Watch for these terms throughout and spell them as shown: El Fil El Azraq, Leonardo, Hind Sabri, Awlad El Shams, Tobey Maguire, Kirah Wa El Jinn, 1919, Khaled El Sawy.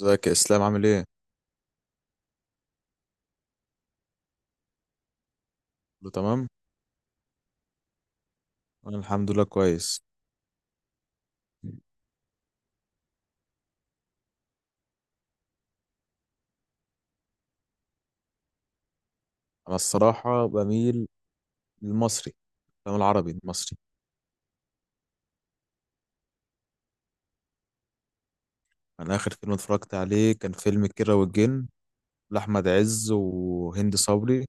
ازيك يا اسلام؟ عامل ايه؟ كله تمام. انا الحمد لله كويس. انا الصراحه بميل للمصري، الافلام العربي المصري. انا اخر فيلم اتفرجت عليه كان فيلم كيرة والجن، لاحمد عز وهند صبري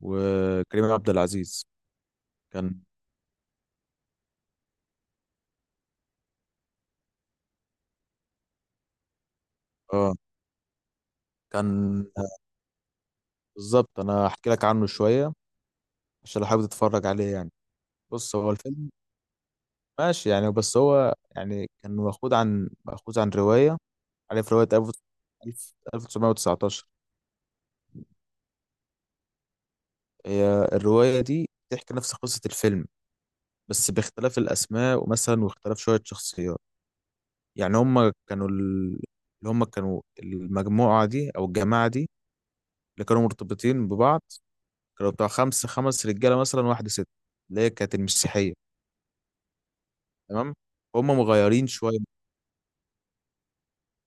وكريم عبد العزيز. كان اه كان بالظبط. انا هحكي لك عنه شويه عشان لو حابب تتفرج عليه يعني. بص، هو الفيلم ماشي يعني، بس هو يعني كان مأخوذ عن روايه. عارف روايه 1919؟ هي الرواية دي بتحكي نفس قصة الفيلم، بس باختلاف الأسماء ومثلا واختلاف شوية شخصيات. يعني هما كانوا اللي هما كانوا المجموعة دي أو الجماعة دي، اللي كانوا مرتبطين ببعض، كانوا بتوع خمس رجالة مثلا واحدة ست، اللي هي كانت المسيحية. تمام، هما مغيرين شوية.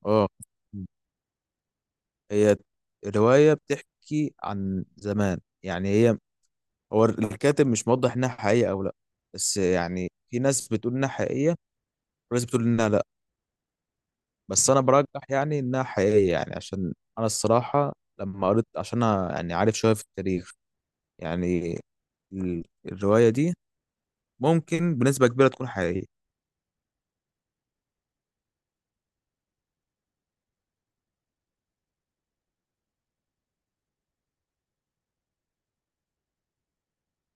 اه، هي الرواية بتحكي عن زمان. يعني هو الكاتب مش موضح إنها حقيقية أو لأ، بس يعني في ناس بتقول إنها حقيقية وناس بتقول إنها لأ. بس انا برجح يعني انها حقيقيه، يعني عشان انا الصراحه لما قريت، عشان انا يعني عارف شويه في التاريخ، يعني الروايه دي ممكن بنسبه كبيره تكون حقيقيه.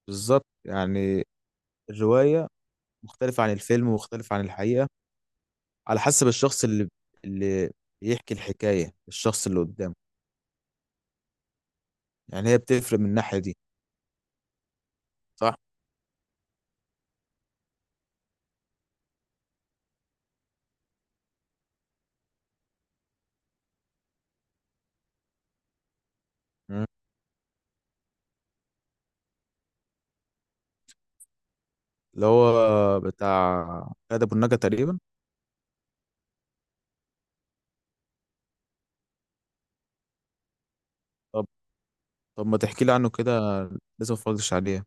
بالظبط يعني الروايه مختلفه عن الفيلم ومختلفه عن الحقيقه، على حسب الشخص اللي بيحكي الحكايه الشخص اللي قدامه. يعني هي بتفرق من الناحيه دي. صح. مم. اللي هو بتاع كاد ابو النجا تقريبا. طب طب ما تحكي لي عنه كده، لازم ما اتفرجتش عليه.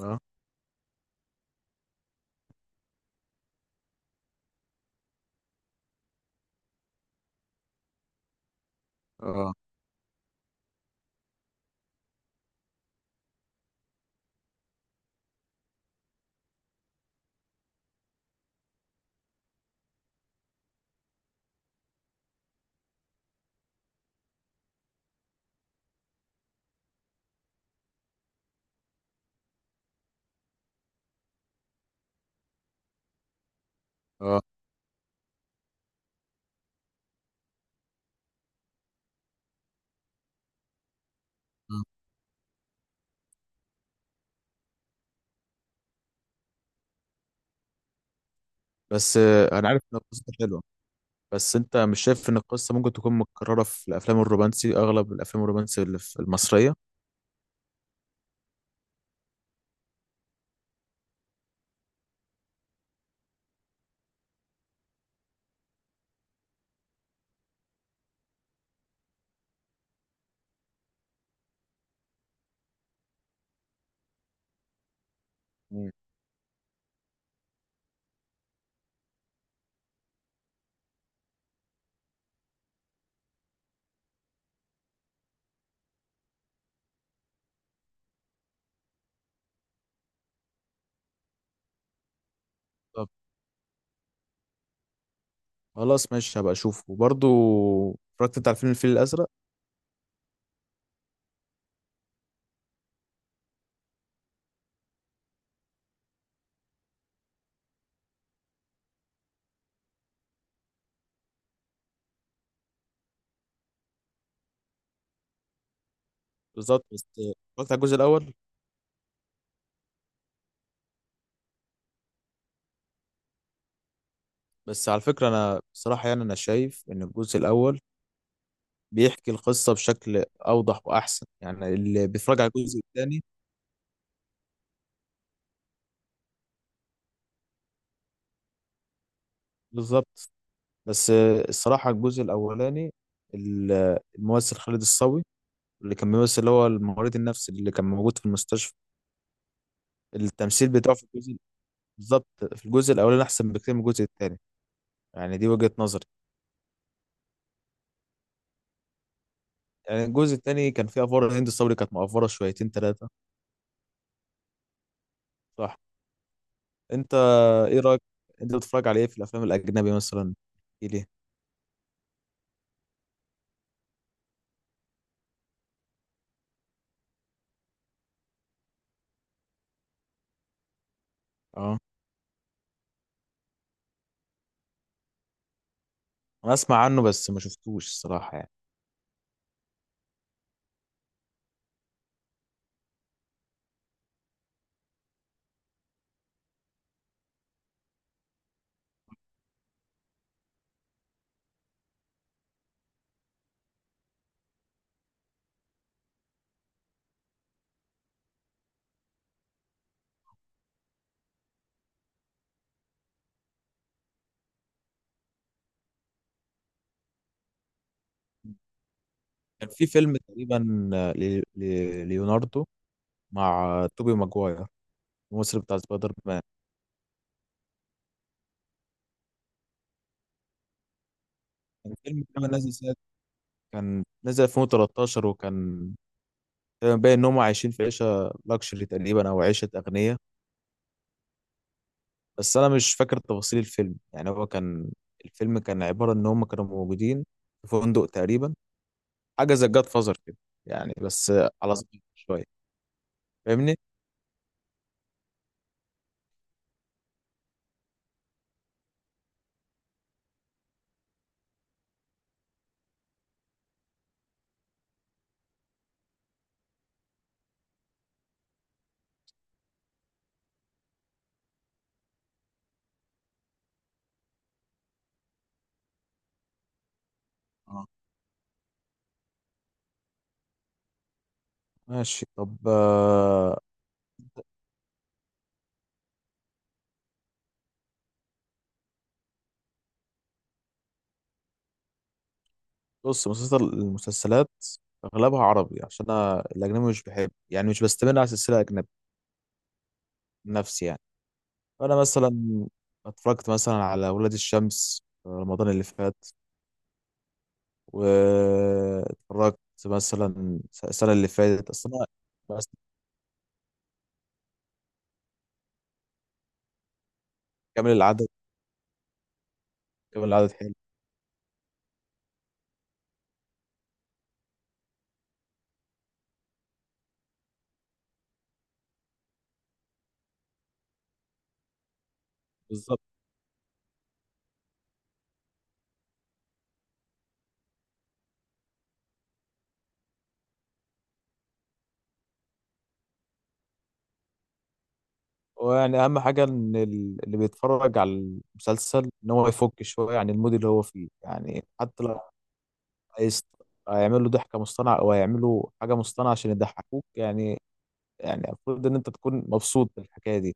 اه، اه، اه، آه. بس آه، انا عارف ان القصه حلوه، بس انت مش شايف ان القصه ممكن تكون متكرره في الافلام الرومانسي، اغلب الافلام الرومانسي اللي في المصريه؟ مم. طب خلاص ماشي، هبقى اشوفه. وبرضه اتفرجت انت على فيلم الفيل الازرق؟ بالظبط، بس اتفرجت على الجزء الاول. بس على فكره انا بصراحه، يعني انا شايف ان الجزء الاول بيحكي القصه بشكل اوضح واحسن، يعني اللي بيتفرج على الجزء الثاني. بالظبط. بس الصراحه الجزء الاولاني، الممثل خالد الصاوي، اللي كان بيمثل اللي هو الممرض النفسي اللي كان موجود في المستشفى، التمثيل بتاعه في الجزء، بالظبط، في الجزء الاولاني احسن بكتير من الجزء الثاني. يعني دي وجهة نظري. يعني الجزء الثاني كان فيه افوار، هند صبري كانت مقفره شويتين ثلاثه. صح. انت ايه رايك، انت بتتفرج على ايه في الافلام الاجنبي مثلا؟ ايه ليه؟ اه، انا اسمع عنه بس ما شفتوش الصراحه يعني. كان في فيلم تقريبا، ليوناردو مع توبي ماجواير، الممثل بتاع سبايدر مان. كان فيلم كان نازل سنة كان نزل 2013، وكان آه، باين ان هم عايشين في عيشه لاكشري تقريبا، او عيشه اغنياء. بس انا مش فاكر تفاصيل الفيلم. يعني هو كان الفيلم كان عباره ان هم كانوا موجودين في فندق تقريبا، حاجه زي جاد فازر كده، يعني بس على صغير شويه. فاهمني؟ اه ماشي. طب آه، بص، مسلسل المسلسلات اغلبها عربي، عشان انا الاجنبي مش بحب، يعني مش بستمر على سلسله اجنبي نفسي يعني. فانا مثلا اتفرجت مثلا على ولاد الشمس في رمضان اللي فات، واتفرجت مثلا السنة اللي فاتت أصل أنا، بس كامل العدد. كامل العدد حلو. بالظبط. ويعني أهم حاجة إن اللي بيتفرج على المسلسل إن هو يفك شوية عن المود اللي هو فيه، يعني حتى لو عايز هيعمل له ضحكة مصطنعة أو هيعمل له حاجة مصطنعة عشان يضحكوك يعني. يعني المفروض إن أنت تكون مبسوط بالحكاية دي.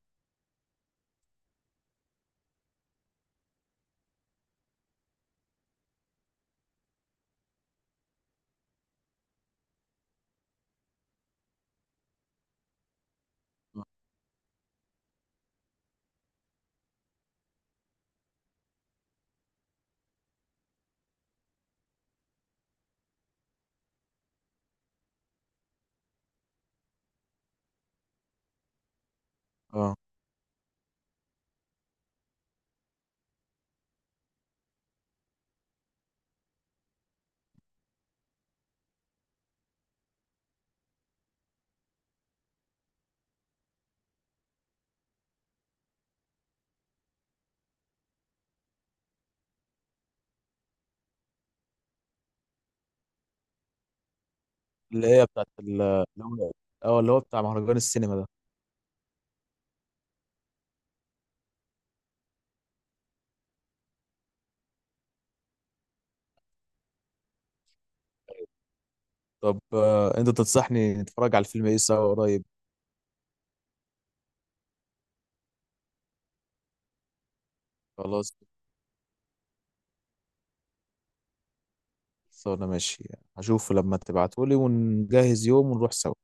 اه، اللي هي بتاعت اللي هو، اه، اللي هو بتاع مهرجان السينما ده. طب آه، انت تنصحني نتفرج على الفيلم ايه سوا قريب؟ خلاص، خلاص انا ماشي. هشوفه لما تبعتولي ونجهز يوم ونروح سوا.